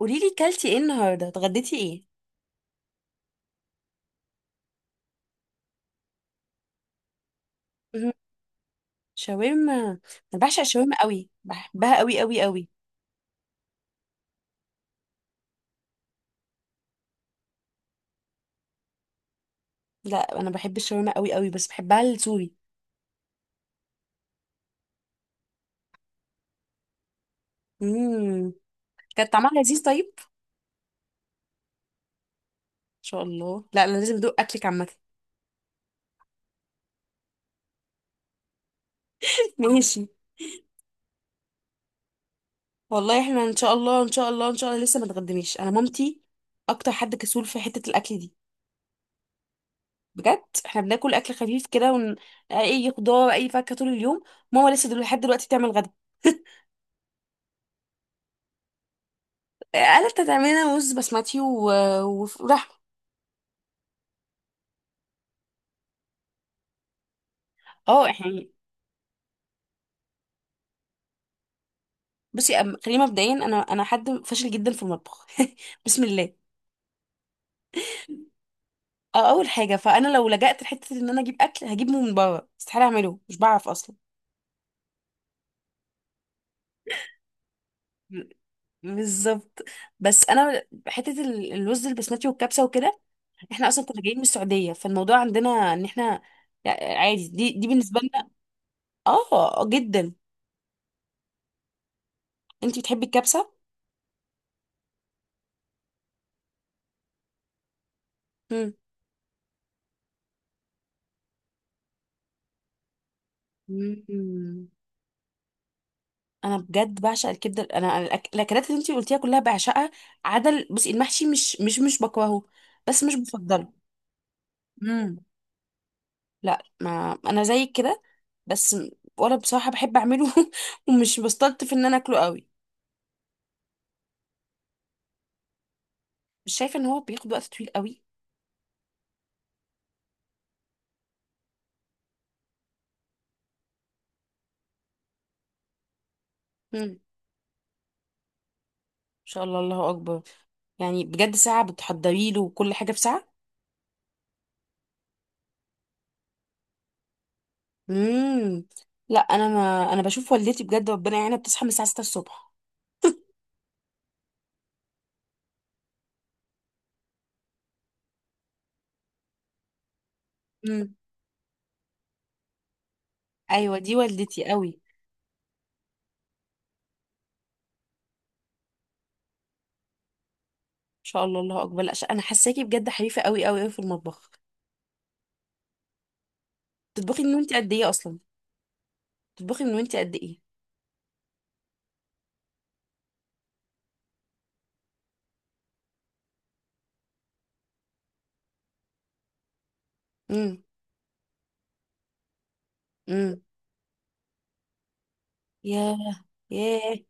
قوليلي كلتي ايه النهارده اتغديتي ايه. مهم. شاورما. انا بعشق الشاورما قوي بحبها قوي قوي قوي. لا انا بحب الشاورما قوي قوي بس بحبها السوري. امم كان طعمها لذيذ طيب. ان شاء الله، لا انا لازم ادوق اكلك عامه. ماشي. والله احنا ان شاء الله ان شاء الله ان شاء الله لسه ما اتغدمناش انا مامتي اكتر حد كسول في حته الاكل دي. بجد احنا بناكل اكل خفيف كده اي خضار اي فاكهه طول اليوم. ماما لسه دلوقتي لحد دلوقتي بتعمل غدا. قالت هتعملنا رز بسمتي ولحمه. اه يعني، بصي خلينا مبدئيا انا حد فاشل جدا في المطبخ. بسم الله. اه اول حاجه، فانا لو لجأت لحته ان انا اجيب اكل هجيبه من بره، استحاله اعمله مش بعرف اصلا. ب- بالظبط. بس انا حته الرز البسمتي والكبسه وكده، احنا اصلا كنا جايين من السعوديه فالموضوع عندنا ان احنا يعني عادي، دي بالنسبه لنا. اه جدا. انتي بتحبي الكبسه؟ امم. انا بجد بعشق الكبده، انا الاكلات اللي انتي قلتيها كلها بعشقها عدل. بصي المحشي مش بكرهه بس مش بفضله. امم. لا ما انا زي كده بس ولا بصراحه بحب اعمله ومش بستلطف ان انا اكله قوي. مش شايفه ان هو بياخد وقت طويل قوي؟ مم. ان شاء الله الله اكبر. يعني بجد ساعه بتحضري له وكل حاجه في ساعه. امم. لا انا، ما انا بشوف والدتي بجد ربنا يعينها بتصحى من الساعه 6 الصبح. امم. ايوه دي والدتي قوي. ان شاء الله الله اكبر. لا انا حاساكي بجد حريفه قوي قوي قوي في المطبخ. بتطبخي من وانت قد ايه اصلا؟ بتطبخي من وانت قد ايه؟ امم. امم. ياه. ياه. ان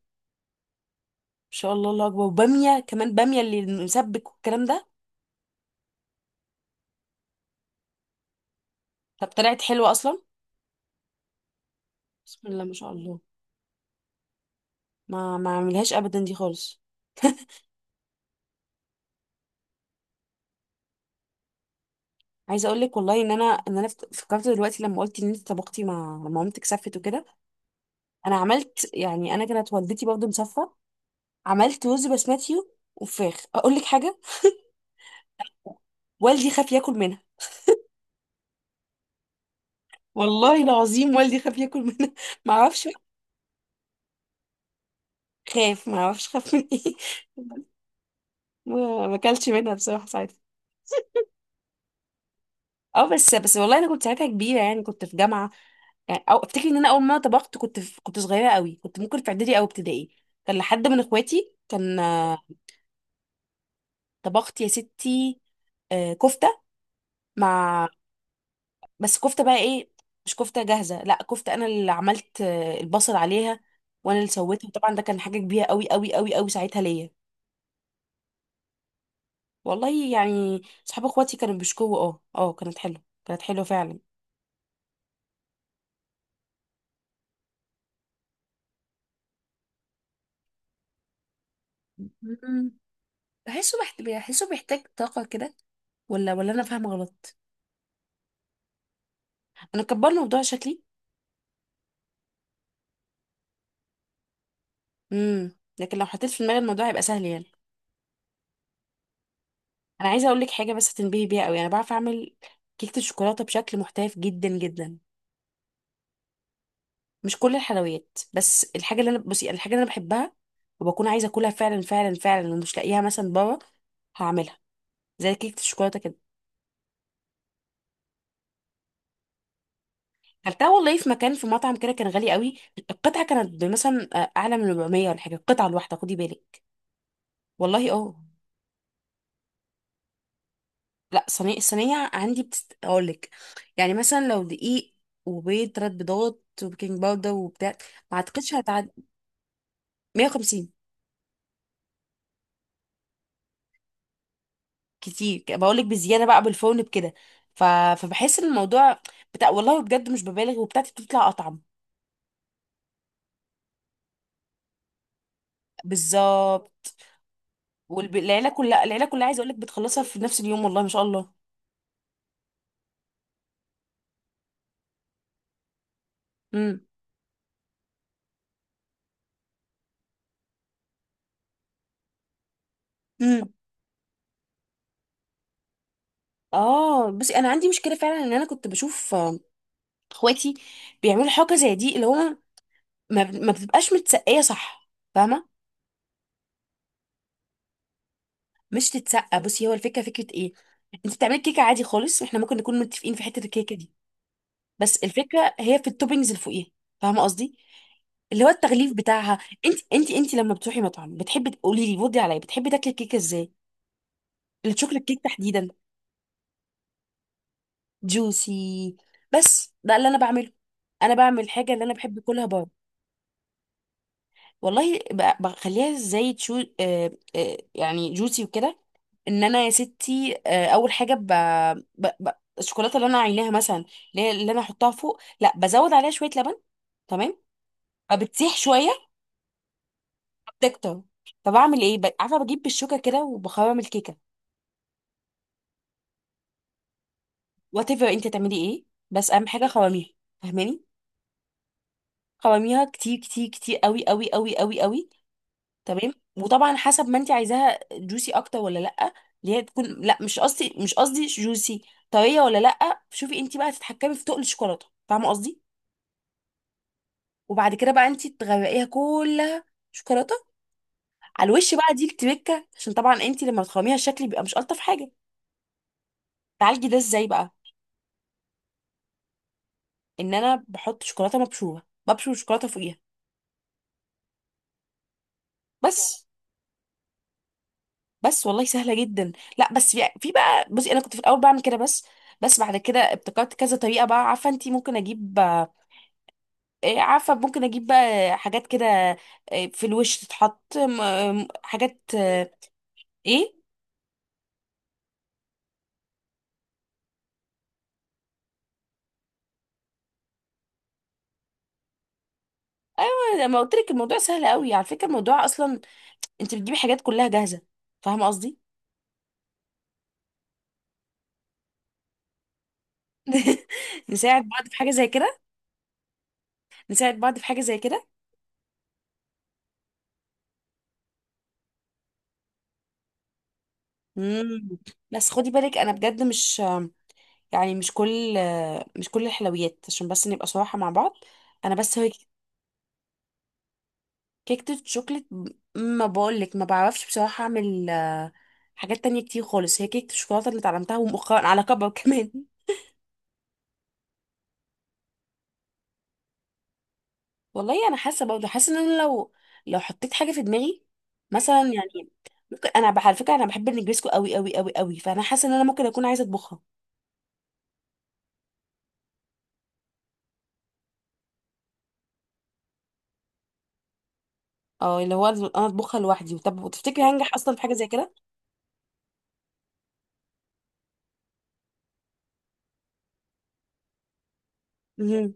شاء الله الله اكبر. وباميه كمان، باميه اللي مسبك والكلام ده؟ طب طلعت حلوه اصلا. بسم الله ما شاء الله. ما اعملهاش ابدا دي خالص. عايزه اقول لك والله ان انا فكرت دلوقتي لما قلت ان انت طبختي مع لما مامتك سفت وكده. انا عملت يعني، انا كانت والدتي برضه مسافه. عملت رز بسمتي وفراخ. اقول لك حاجه، والدي خاف ياكل منها. والله العظيم والدي خاف ياكل منها. ما اعرفش، خاف، ما اعرفش خاف من ايه. ما اكلش منها بصراحه ساعتها. اه بس بس والله انا كنت ساعتها كبيره، يعني كنت في جامعه. يعني او افتكر ان انا اول مره طبخت كنت في، كنت صغيره قوي، كنت ممكن في اعدادي او ابتدائي. كان لحد من اخواتي، كان طبخت يا ستي كفته مع، بس كفته بقى ايه؟ مش كفته جاهزه، لا كفته انا اللي عملت البصل عليها وانا اللي سويتها. طبعا ده كان حاجه كبيره قوي قوي قوي قوي ساعتها ليا. والله يعني صحاب اخواتي كانوا بيشكوا، اه اه، كانت حلوه، كانت حلوه فعلا. مم. بحسه بيحتاج طاقة كده، ولا ولا أنا فاهمة غلط؟ انا كبرنا الموضوع شكلي. امم. لكن لو حطيت في دماغي الموضوع هيبقى سهل يعني. انا عايزه اقول لك حاجه بس تنبهي بيها قوي، انا بعرف اعمل كيكه الشوكولاته بشكل محترف جدا جدا. مش كل الحلويات بس، الحاجه اللي انا، بصي الحاجه اللي انا بحبها وبكون عايزه اكلها فعلا فعلا فعلا ومش لاقيها مثلا بره، هعملها. زي كيكه الشوكولاته كده. اكلتها والله في مكان في مطعم كده كان غالي قوي. القطعه كانت مثلا اعلى من 400 ولا حاجه، القطعه الواحده، خدي بالك. والله اه. لا صينيه، الصينيه عندي اقول لك. يعني مثلا لو دقيق وبيض 3 بيضات وبيكنج باودر وبتاع، ما اعتقدش هتعدي 150. كتير؟ بقول لك بزياده بقى بالفرن بكده ف... فبحس ان الموضوع بتاع، والله بجد مش ببالغ وبتاعتي بتطلع اطعم. بالظبط. والعيله كلها، العيله كلها عايزه اقول لك بتخلصها في نفس اليوم، والله ما شاء الله. امم. امم. اه بس انا عندي مشكله فعلا ان انا كنت بشوف اخواتي بيعملوا حاجه زي دي، اللي هو ما بتبقاش متسقيه، صح؟ فاهمه. مش تتسقى، بصي هو الفكره فكره ايه، انت بتعملي كيكه عادي خالص واحنا ممكن نكون متفقين في حته الكيكه دي، بس الفكره هي في التوبينجز اللي فوقيها، فاهمه قصدي، اللي هو التغليف بتاعها. انت لما بتروحي مطعم، بتحبي تقولي لي ودي عليا، بتحبي تاكلي الكيكه ازاي؟ الشوكليت كيك تحديدا. جوسي. بس ده اللي انا بعمله، انا بعمل حاجه اللي انا بحب اكلها بره. والله بخليها زي تشو آه آه يعني جوسي وكده. ان انا يا ستي آه، اول حاجه ب... ب... الشوكولاته اللي انا عيناها مثلا، اللي انا احطها فوق، لا بزود عليها شويه لبن. تمام. فبتسيح شويه، بتكتر. فبعمل ايه، عارفه، بجيب بالشوكه كده وبخرم الكيكه. وات ايفر انت تعملي ايه، بس اهم حاجه خرميها. فاهماني؟ خرميها كتير كتير كتير قوي قوي قوي قوي قوي. تمام، وطبعا حسب ما انت عايزاها جوسي اكتر ولا لا، اللي هي تكون، لا مش قصدي، مش قصدي جوسي، طريه ولا لا. شوفي انت بقى تتحكمي في تقل الشوكولاته، فاهمه قصدي. وبعد كده بقى انت تغرقيها كلها شوكولاته على الوش، بقى دي التركه، عشان طبعا انت لما بتخرميها الشكل بيبقى مش الطف حاجه. تعالجي ده ازاي بقى؟ ان انا بحط شوكولاته مبشوره، ببشر الشوكولاته فوقيها. بس بس والله سهله جدا. لا بس في بقى، بصي انا كنت في الاول بعمل كده بس، بس بعد كده ابتكرت كذا طريقه بقى. عارفه انت، ممكن اجيب عارفة، ممكن أجيب بقى حاجات كده في الوش تتحط حاجات إيه. أيوة لما قلت لك الموضوع سهل قوي، على فكرة الموضوع أصلا أنت بتجيبي حاجات كلها جاهزة، فاهمة قصدي. نساعد بعض في حاجة زي كده. نساعد بعض في حاجة زي كده. مم. بس خدي بالك أنا بجد مش، يعني مش كل، مش كل الحلويات، عشان بس نبقى صراحة مع بعض، أنا بس هو كيكة الشوكليت. ما بقولك ما بعرفش بصراحة أعمل حاجات تانية كتير خالص، هي كيكة الشوكولاتة اللي اتعلمتها ومؤخرا على كبر كمان. والله أنا حاسة برضه، حاسة إن أنا لو حطيت حاجة في دماغي مثلا يعني، ممكن. أنا على فكرة أنا بحب النجريسكو أوي أوي أوي أوي، فأنا حاسة إن أنا ممكن أكون عايزة أطبخها. أه اللي هو أنا أطبخها لوحدي. طب وتفتكري هنجح أصلا في حاجة زي كده؟ مهم.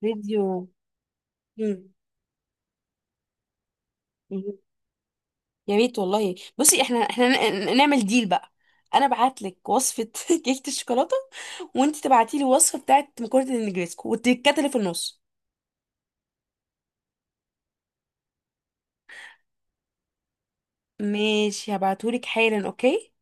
فيديو. مهم. مهم. يا ريت والله. بصي احنا نعمل ديل بقى، انا ابعت لك وصفه كيكه الشوكولاته وانت تبعتي لي وصفه بتاعه مكرونه النجريسكو والتكات اللي في النص. ماشي، هبعتهولك حالا. اوكي.